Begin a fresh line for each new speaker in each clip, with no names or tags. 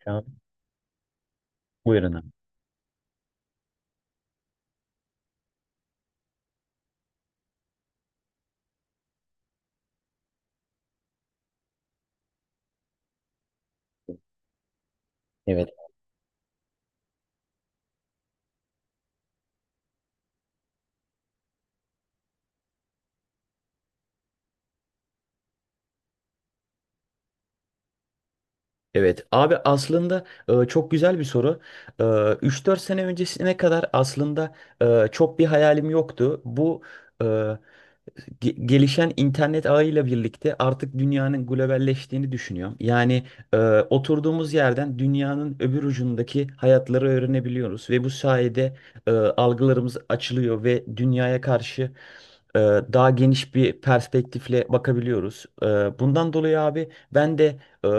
Tamam. Buyurun abi. Evet. Evet abi aslında çok güzel bir soru. E, 3-4 sene öncesine kadar aslında çok bir hayalim yoktu. Bu e, gelişen internet ağıyla birlikte artık dünyanın globalleştiğini düşünüyor. Yani e, oturduğumuz yerden dünyanın öbür ucundaki hayatları öğrenebiliyoruz ve bu sayede algılarımız açılıyor ve dünyaya karşı e, daha geniş bir perspektifle bakabiliyoruz. Bundan dolayı abi ben de e,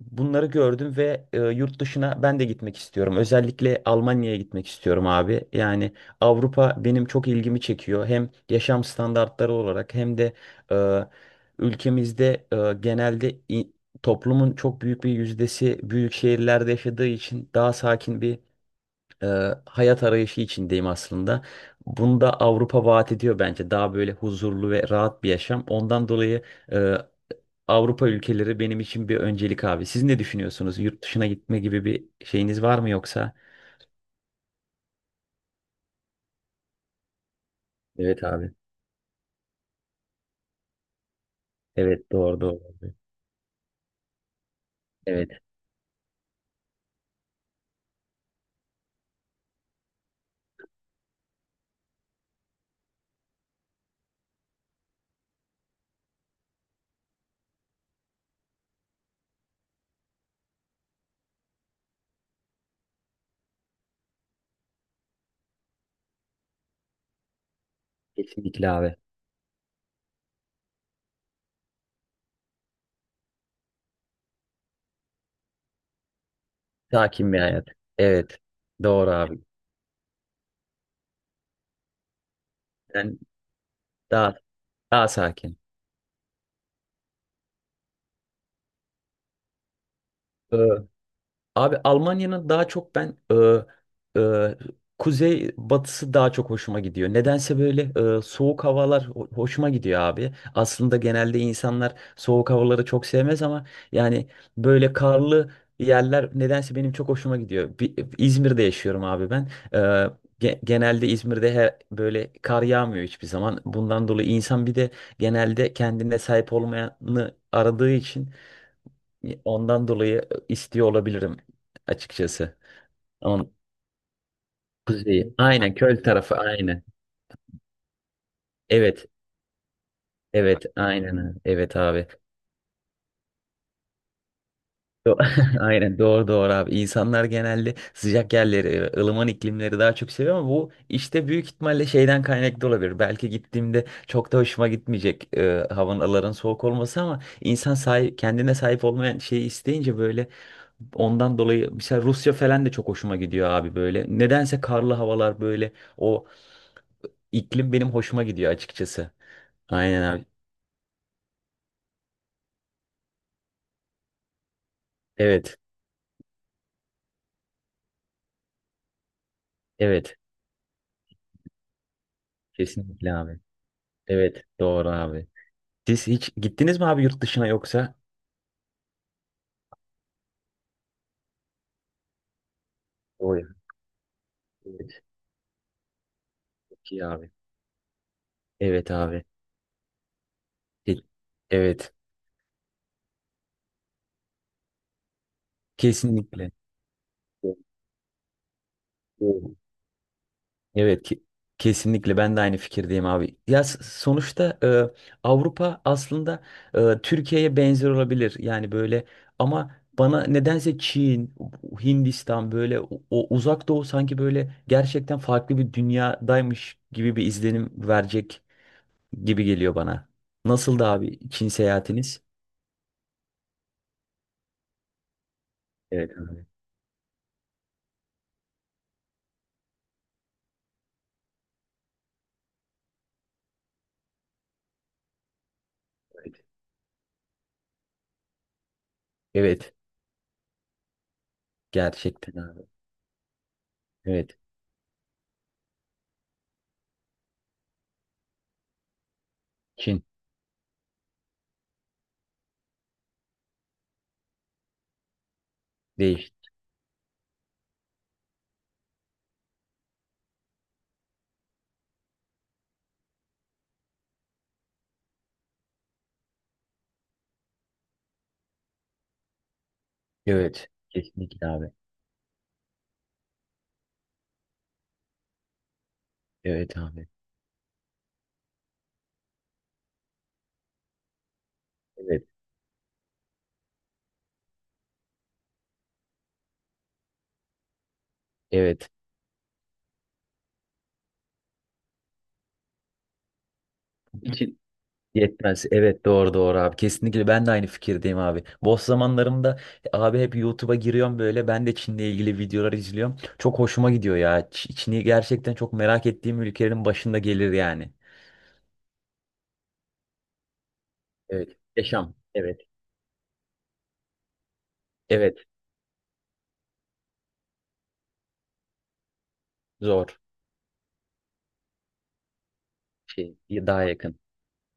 bunları gördüm ve yurt dışına ben de gitmek istiyorum. Özellikle Almanya'ya gitmek istiyorum abi. Yani Avrupa benim çok ilgimi çekiyor. Hem yaşam standartları olarak hem de e, ülkemizde genelde toplumun çok büyük bir yüzdesi büyük şehirlerde yaşadığı için daha sakin bir e, hayat arayışı içindeyim aslında. Bunu da Avrupa vaat ediyor bence. Daha böyle huzurlu ve rahat bir yaşam. Ondan dolayı e, Avrupa ülkeleri benim için bir öncelik abi. Siz ne düşünüyorsunuz? Yurt dışına gitme gibi bir şeyiniz var mı yoksa? Evet abi. Evet, doğru doğru abi. Evet, kesinlikle abi. Sakin bir hayat. Evet, doğru abi. Ben daha daha sakin. Abi Almanya'nın daha çok ben e, e, kuzey batısı daha çok hoşuma gidiyor. Nedense böyle soğuk havalar hoşuma gidiyor abi. Aslında genelde insanlar soğuk havaları çok sevmez ama yani böyle karlı yerler nedense benim çok hoşuma gidiyor. İzmir'de yaşıyorum abi ben. Genelde İzmir'de her, böyle kar yağmıyor hiçbir zaman. Bundan dolayı insan bir de genelde kendine sahip olmayanı aradığı için. Ondan dolayı istiyor olabilirim açıkçası. Ama kuzeyi. Aynen köl tarafı aynen. Evet. Evet, aynen. Evet abi. Do- Aynen, doğru doğru abi. İnsanlar genelde sıcak yerleri, ılıman iklimleri daha çok seviyor ama bu işte büyük ihtimalle şeyden kaynaklı olabilir. Belki gittiğimde çok da hoşuma gitmeyecek havaların soğuk olması ama insan sahip, kendine sahip olmayan şeyi isteyince böyle ondan dolayı mesela Rusya falan da çok hoşuma gidiyor abi böyle. Nedense karlı havalar böyle o iklim benim hoşuma gidiyor açıkçası. Aynen abi. Evet. Evet. Kesinlikle abi. Evet. Doğru abi. Siz hiç gittiniz mi abi yurt dışına yoksa? O ya. Evet, evet. Çok iyi abi. Evet abi. Ke- Evet. Kesinlikle. Evet. Evet ki kesinlikle ben de aynı fikirdeyim abi. Ya sonuçta Avrupa aslında Türkiye'ye benzer olabilir. Yani böyle ama bana nedense Çin, Hindistan böyle o, o uzak doğu sanki böyle gerçekten farklı bir dünyadaymış gibi bir izlenim verecek gibi geliyor bana. Nasıldı abi Çin seyahatiniz? Evet abi. Evet. Evet. Gerçekten abi. Evet. Çin değiş. Evet. Kesinlikle abi. Evet abi. Evet. Evet. Çin yetmez. Evet, doğru doğru abi. Kesinlikle ben de aynı fikirdeyim abi. Boş zamanlarımda abi hep YouTube'a giriyorum böyle. Ben de Çin'le ilgili videolar izliyorum. Çok hoşuma gidiyor ya. Çin'i gerçekten çok merak ettiğim ülkelerin başında gelir yani. Evet. Yaşam. Evet. Evet. Zor. Şey. Daha yakın.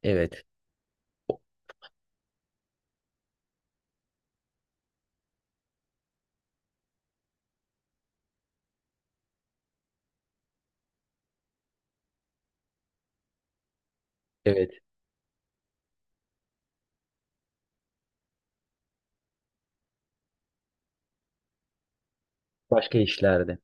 Evet. O- Evet. Başka işlerde.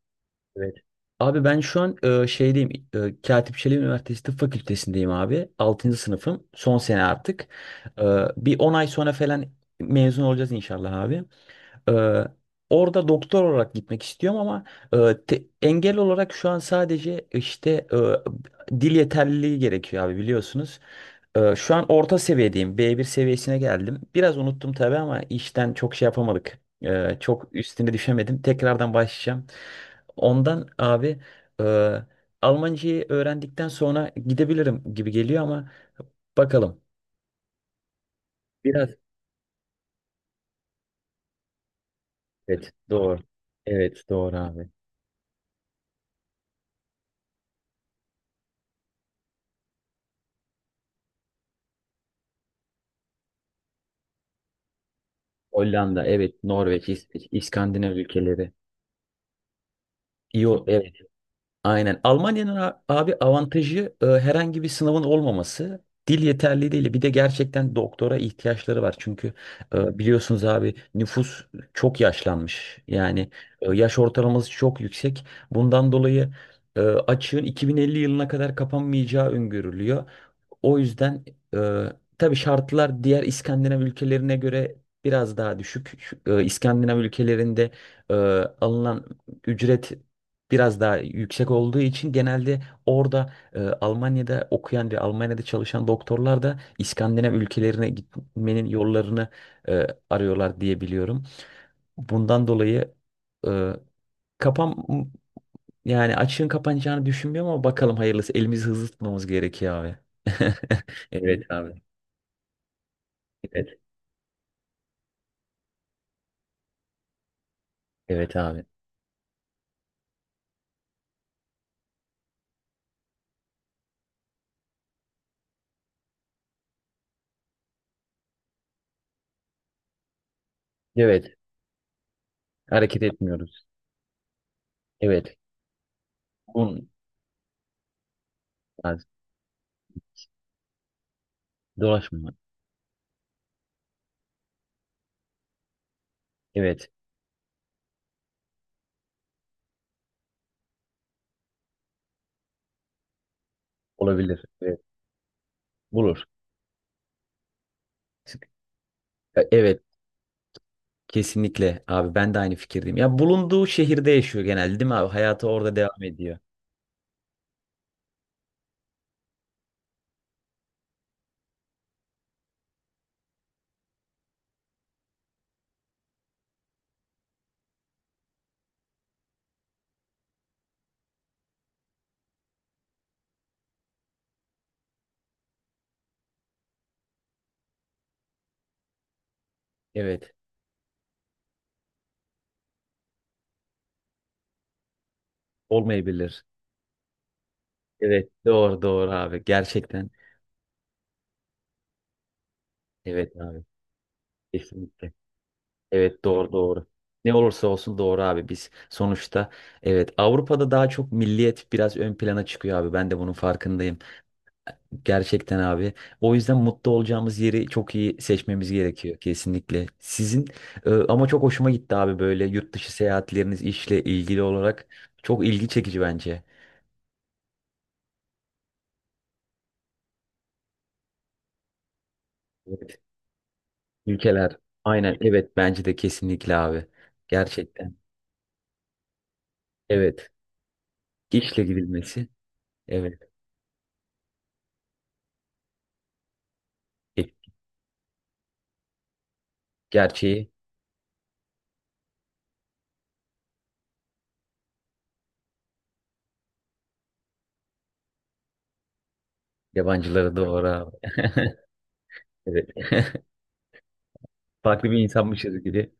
Evet. Abi ben şu an şeydeyim. Katip Çelebi Üniversitesi Tıp Fakültesindeyim abi. 6. sınıfım. Son sene artık. E, Bir 10 ay sonra falan mezun olacağız inşallah abi. Ee, Orada doktor olarak gitmek istiyorum ama engel olarak şu an sadece işte dil yeterliliği gerekiyor abi biliyorsunuz. Şu an orta seviyedeyim. B1 seviyesine geldim. Biraz unuttum tabii ama işten çok şey yapamadık. Çok üstüne düşemedim. Tekrardan başlayacağım. Ondan abi e, Almancayı öğrendikten sonra gidebilirim gibi geliyor ama bakalım. Biraz evet, doğru. Evet doğru abi. Hollanda, evet, Norveç, İsveç, İskandinav ülkeleri. İyi, evet. Aynen. Almanya'nın abi avantajı herhangi bir sınavın olmaması. Dil yeterli değil. Bir de gerçekten doktora ihtiyaçları var. Çünkü biliyorsunuz abi nüfus çok yaşlanmış. Yani yaş ortalaması çok yüksek. Bundan dolayı açığın 2050 yılına kadar kapanmayacağı öngörülüyor. O yüzden e, tabii şartlar diğer İskandinav ülkelerine göre biraz daha düşük. İskandinav ülkelerinde e, alınan ücret biraz daha yüksek olduğu için genelde orada Almanya'da okuyan ve Almanya'da çalışan doktorlar da İskandinav ülkelerine gitmenin yollarını arıyorlar diye biliyorum. Bundan dolayı e, kafam yani açığın kapanacağını düşünmüyorum ama bakalım hayırlısı. Elimizi hızlı tutmamız gerekiyor abi. Evet abi. Evet. Evet abi. Evet. Hareket etmiyoruz. Evet. Bun. az- Dolaşma. Evet. Olabilir. Evet. Bulur. Evet. Kesinlikle abi, ben de aynı fikirdeyim. Ya bulunduğu şehirde yaşıyor genelde değil mi abi? Hayatı orada devam ediyor. Evet. Olmayabilir. Evet. Doğru doğru abi. Gerçekten. Evet abi. Kesinlikle. Evet, doğru doğru. Ne olursa olsun doğru abi, biz sonuçta evet Avrupa'da daha çok milliyet biraz ön plana çıkıyor abi, ben de bunun farkındayım. Gerçekten abi, o yüzden mutlu olacağımız yeri çok iyi seçmemiz gerekiyor kesinlikle. Sizin ama çok hoşuma gitti abi, böyle yurt dışı seyahatleriniz işle ilgili olarak çok ilgi çekici bence. Evet. Ülkeler, aynen evet, bence de kesinlikle abi, gerçekten evet, işle gidilmesi evet e, gerçeği. Yabancıları, doğru abi. Evet. Farklı bir insanmışız gibi.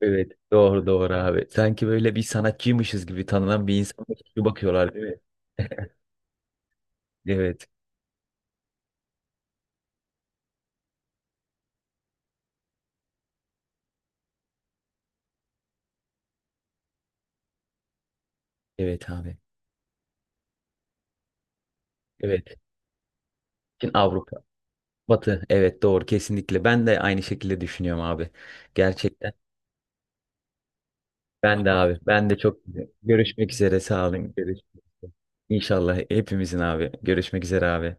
Evet. Doğru doğru abi. Sanki böyle bir sanatçıymışız gibi tanınan bir insanmış gibi bakıyorlar değil mi? Evet. Evet abi. Evet. Çin Avrupa. Batı. Evet, doğru kesinlikle. Ben de aynı şekilde düşünüyorum abi. Gerçekten. Ben de abi. Ben de çok görüşmek üzere. Sağ olun. Görüşmek üzere. İnşallah hepimizin abi. Görüşmek üzere abi.